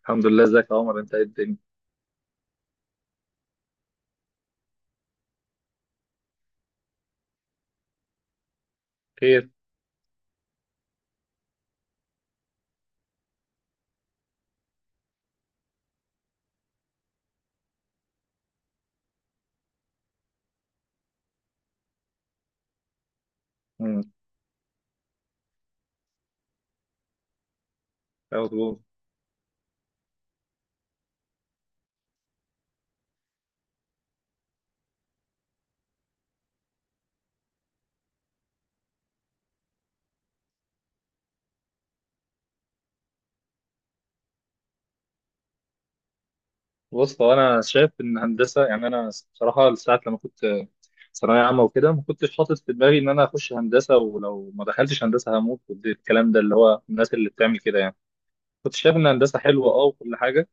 الحمد لله، ازيك يا عمر؟ انت ايه الدنيا؟ خير. امم. مظبوط. بص، هو انا شايف ان هندسه، يعني انا بصراحه لساعه لما كنت ثانويه عامه وكده ما كنتش حاطط في دماغي ان انا اخش هندسه، ولو ما دخلتش هندسه هموت والكلام ده، اللي هو الناس اللي بتعمل كده يعني. كنت شايف ان هندسه حلوه، اه، وكل حاجه.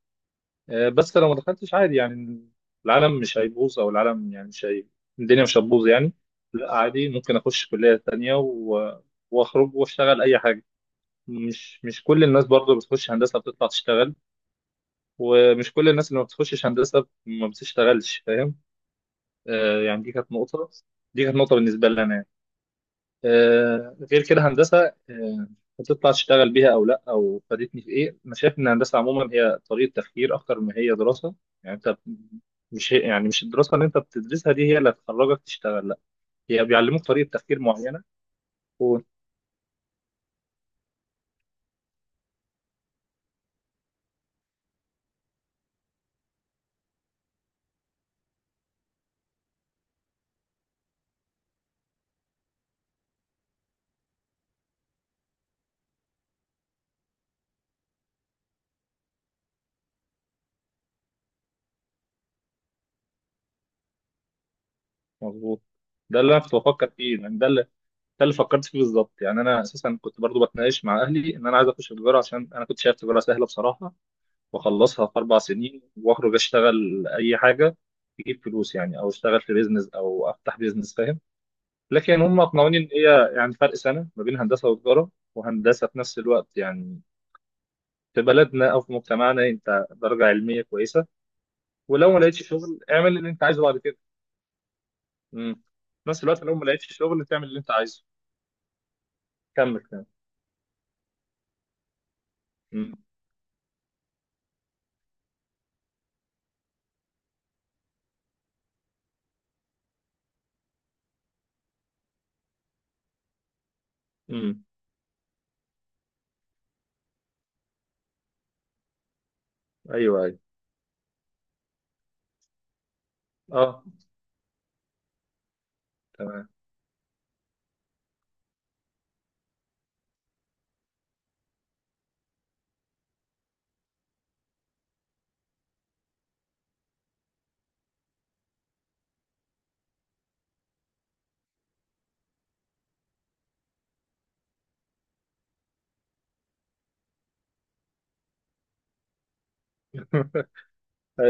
بس لو ما دخلتش عادي يعني، العالم مش هيبوظ، او العالم يعني مش هي... الدنيا مش هتبوظ يعني. لا، عادي، ممكن اخش كليه تانيه واخرج واشتغل اي حاجه. مش كل الناس برضو بتخش هندسة بتطلع تشتغل، ومش كل الناس اللي ما بتخشش هندسة ما بتشتغلش، فاهم؟ آه يعني دي كانت نقطة، دي كانت نقطة بالنسبة لي أنا يعني. آه، غير كده هندسة، آه، هتطلع تشتغل بيها أو لأ، أو فادتني في إيه. أنا شايف إن الهندسة عموما هي طريقة تفكير أكتر ما هي دراسة. يعني أنت، مش يعني، مش الدراسة اللي أنت بتدرسها دي هي اللي هتخرجك تشتغل، لأ، هي بيعلموك طريقة تفكير معينة. مظبوط. ده اللي أنا كنت بفكر فيه، يعني ده اللي ده اللي فكرت فيه بالظبط. يعني انا اساسا كنت برضو بتناقش مع اهلي ان انا عايز اخش تجاره، عشان انا كنت شايف تجاره سهله بصراحه، واخلصها في 4 سنين واخرج اشتغل اي حاجه، تجيب فلوس يعني، او اشتغل في بيزنس، او افتح بيزنس، فاهم؟ لكن هم اقنعوني ان هي يعني فرق سنه ما بين هندسه وتجاره، وهندسه في نفس الوقت يعني في بلدنا او في مجتمعنا انت درجه علميه كويسه، ولو ما لقيتش شغل اعمل اللي انت عايزه بعد كده. امم. في نفس الوقت لو ما لقيتش شغل تعمل اللي انت عايزه. كمل كمل. امم. امم. ايوه ايوه. اه. تمام.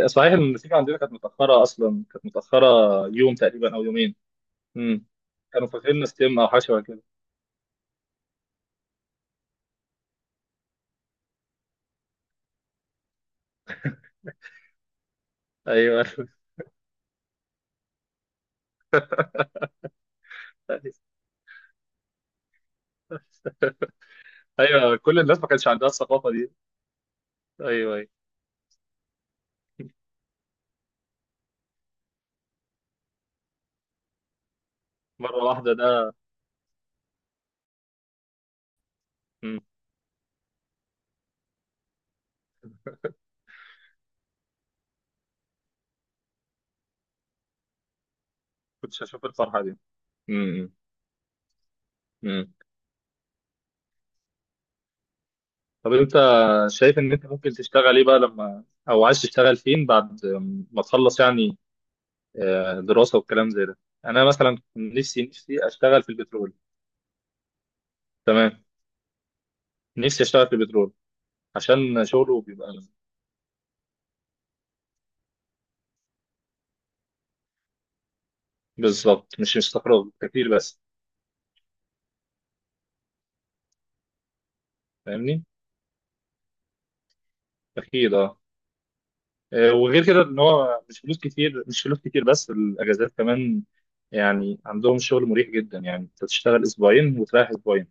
صحيح إن النتيجه عندنا كانت متاخره، اصلا كانت متاخره يوم تقريبا او يومين. امم. كانوا فاكرين ستيم او حاجه شبه كده. ايوه. ايوه، كل الناس ما كانش عندها الثقافه دي. ايوه ايوه. مره واحده ده. مم. كنتش هشوف الفرحه دي. مم. مم. طب انت شايف ان انت ممكن تشتغل ايه بقى لما، او عايز تشتغل فين بعد ما تخلص يعني، دراسه والكلام زي ده. انا مثلا نفسي اشتغل في البترول. تمام. نفسي اشتغل في البترول عشان شغله بيبقى بالظبط، مش استقرار كتير بس، فاهمني؟ اكيد اه. وغير كده ان هو مش فلوس كتير، مش فلوس كتير بس الاجازات كمان. يعني عندهم شغل مريح جدا، يعني انت تشتغل اسبوعين وتريح اسبوعين.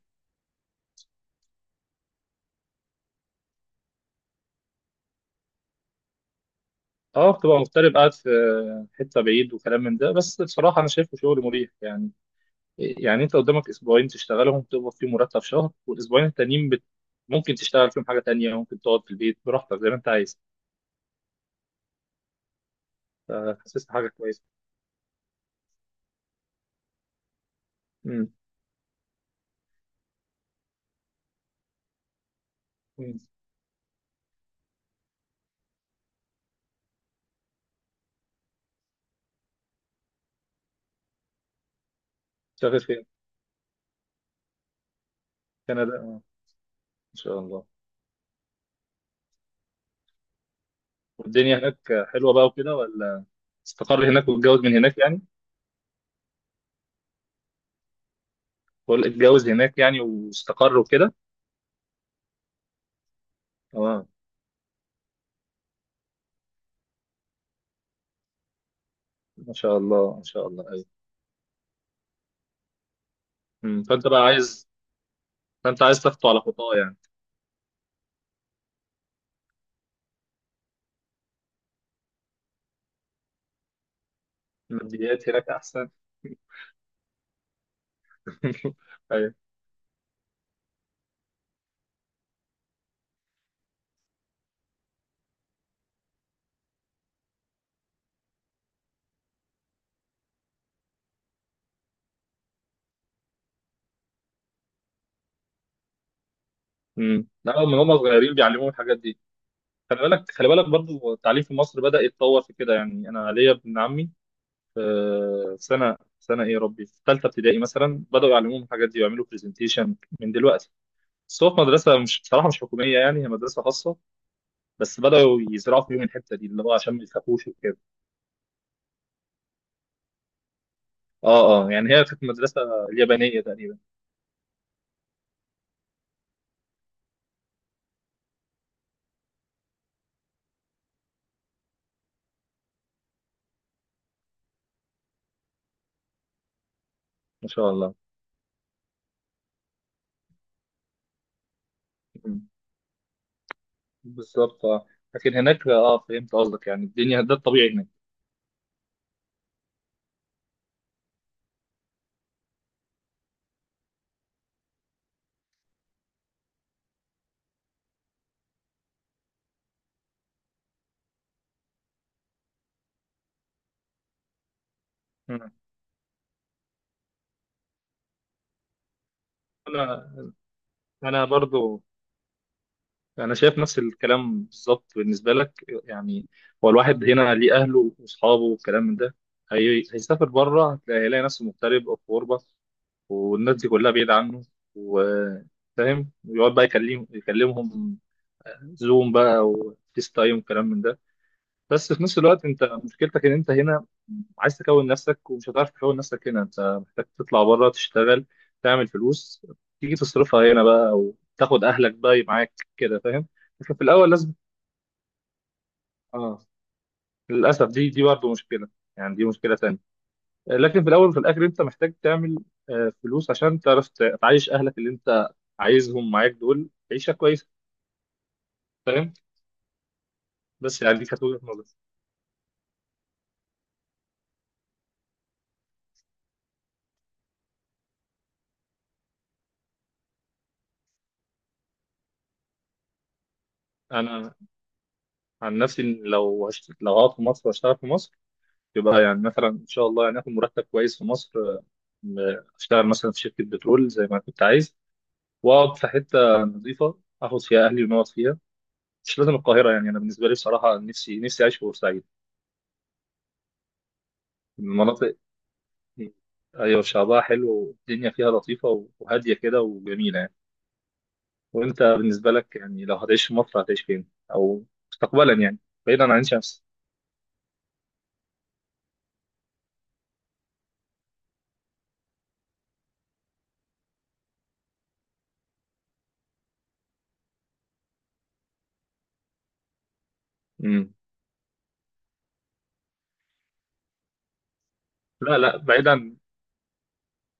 اه، بتبقى مغترب قاعد في حته بعيد وكلام من ده، بس بصراحه انا شايفه شغل مريح يعني. يعني انت قدامك اسبوعين تشتغلهم تقبض فيهم مرتب شهر، والاسبوعين التانيين ممكن تشتغل فيهم حاجه تانية، ممكن تقعد في البيت براحتك زي ما انت عايز. فحسيت حاجه كويسه. امم. شغال. كندا، ان شاء الله. والدنيا هناك حلوه بقى وكده، ولا استقر هناك واتجوز من هناك يعني؟ بقول اتجوز هناك يعني واستقر وكده. اه. ما شاء الله ما شاء الله. ايوه. أمم، فانت بقى عايز، فانت عايز تخطو على خطاه يعني. الماديات هناك احسن. ايوه. امم، لا، من هم صغيرين بيعلموهم الحاجات دي. خلي بالك خلي بالك برضو التعليم في مصر بدأ يتطور في كده، يعني انا ليا ابن عمي في سنه ايه يا ربي، في ثالثه ابتدائي مثلا، بدأوا يعلموهم الحاجات دي ويعملوا برزنتيشن من دلوقتي. بس هو في مدرسة، مش بصراحة مش حكومية، يعني هي مدرسة خاصة. بس بدأوا يزرعوا فيهم الحتة دي اللي هو عشان ما يخافوش وكده. اه اه، يعني هي كانت مدرسة اليابانية تقريبا. ما شاء الله. مم. بالظبط اه. لكن هناك اه فهمت قصدك، يعني الدنيا ده الطبيعي هناك. مم. انا انا برضو انا شايف نفس الكلام بالظبط بالنسبة لك يعني. هو الواحد هنا ليه اهله واصحابه والكلام من ده، هيسافر بره هيلاقي نفسه مغترب او في غربة، والناس دي كلها بعيدة عنه، وفاهم، ويقعد بقى يكلمهم زوم بقى وفيس تايم وكلام من ده. بس في نفس الوقت انت مشكلتك ان انت هنا عايز تكون نفسك، ومش هتعرف تكون نفسك هنا، انت محتاج تطلع بره تشتغل، تعمل فلوس، تيجي تصرفها هنا بقى، او تاخد اهلك بقى معاك كده فاهم. لكن في الاول لازم، اه، للاسف دي برضه مشكلة، يعني دي مشكلة تانية. لكن في الاول وفي الاخر انت محتاج تعمل فلوس عشان تعرف تعيش اهلك اللي انت عايزهم معاك دول عيشه كويسه. فاهم؟ بس يعني دي كانت وجهه نظري. انا عن نفسي إن لو لو هقعد في مصر واشتغل في مصر، يبقى يعني مثلا ان شاء الله يعني اخد مرتب كويس في مصر، م- اشتغل مثلا في شركه بترول زي ما كنت عايز، واقعد في حته نظيفه اخد فيها اهلي ونقعد فيها، مش لازم القاهره. يعني انا بالنسبه لي بصراحه نفسي اعيش في بورسعيد. المناطق، ايوه شعبها حلو والدنيا فيها لطيفه وهاديه كده وجميله يعني. وانت بالنسبه لك يعني لو هتعيش في مصر هتعيش فين، او مستقبلا يعني، بعيدا عن عين شمس؟ امم. لا لا، بعيدا،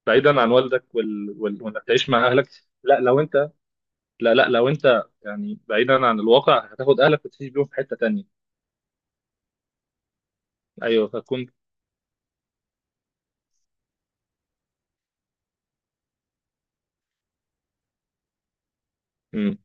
بعيدا عن والدك وانك تعيش مع اهلك. لا لو انت، لا لا لو انت يعني بعيدا عن الواقع، هتاخد اهلك وتعيش بيهم في حته تانية. ايوه هتكون. امم.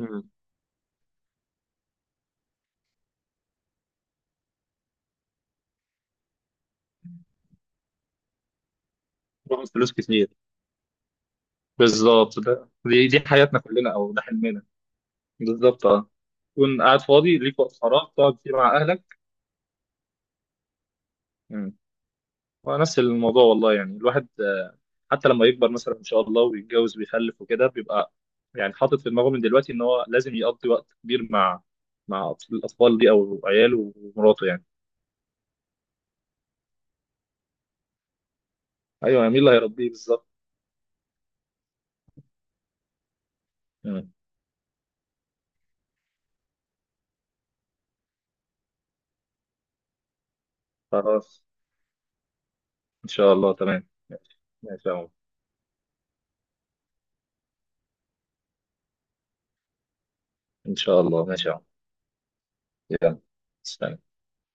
امم. باخد فلوس كتير. بالظبط، ده دي حياتنا كلنا، او ده حلمنا. بالظبط اه. تكون قاعد فاضي ليك وقت فراغ تقعد فيه مع اهلك. مم. ونفس الموضوع والله. يعني الواحد، حتى لما يكبر مثلا ان شاء الله ويتجوز ويخلف وكده، بيبقى يعني حاطط في دماغه من دلوقتي ان هو لازم يقضي وقت كبير مع، مع الاطفال دي او عياله ومراته يعني. ايوه، يعني مين اللي هيربيه بالظبط. مم. خلاص، ان شاء الله تمام، ماشي ماشي يا عمر. ان شاء الله، ماشي يا عمر. يلا، سلام.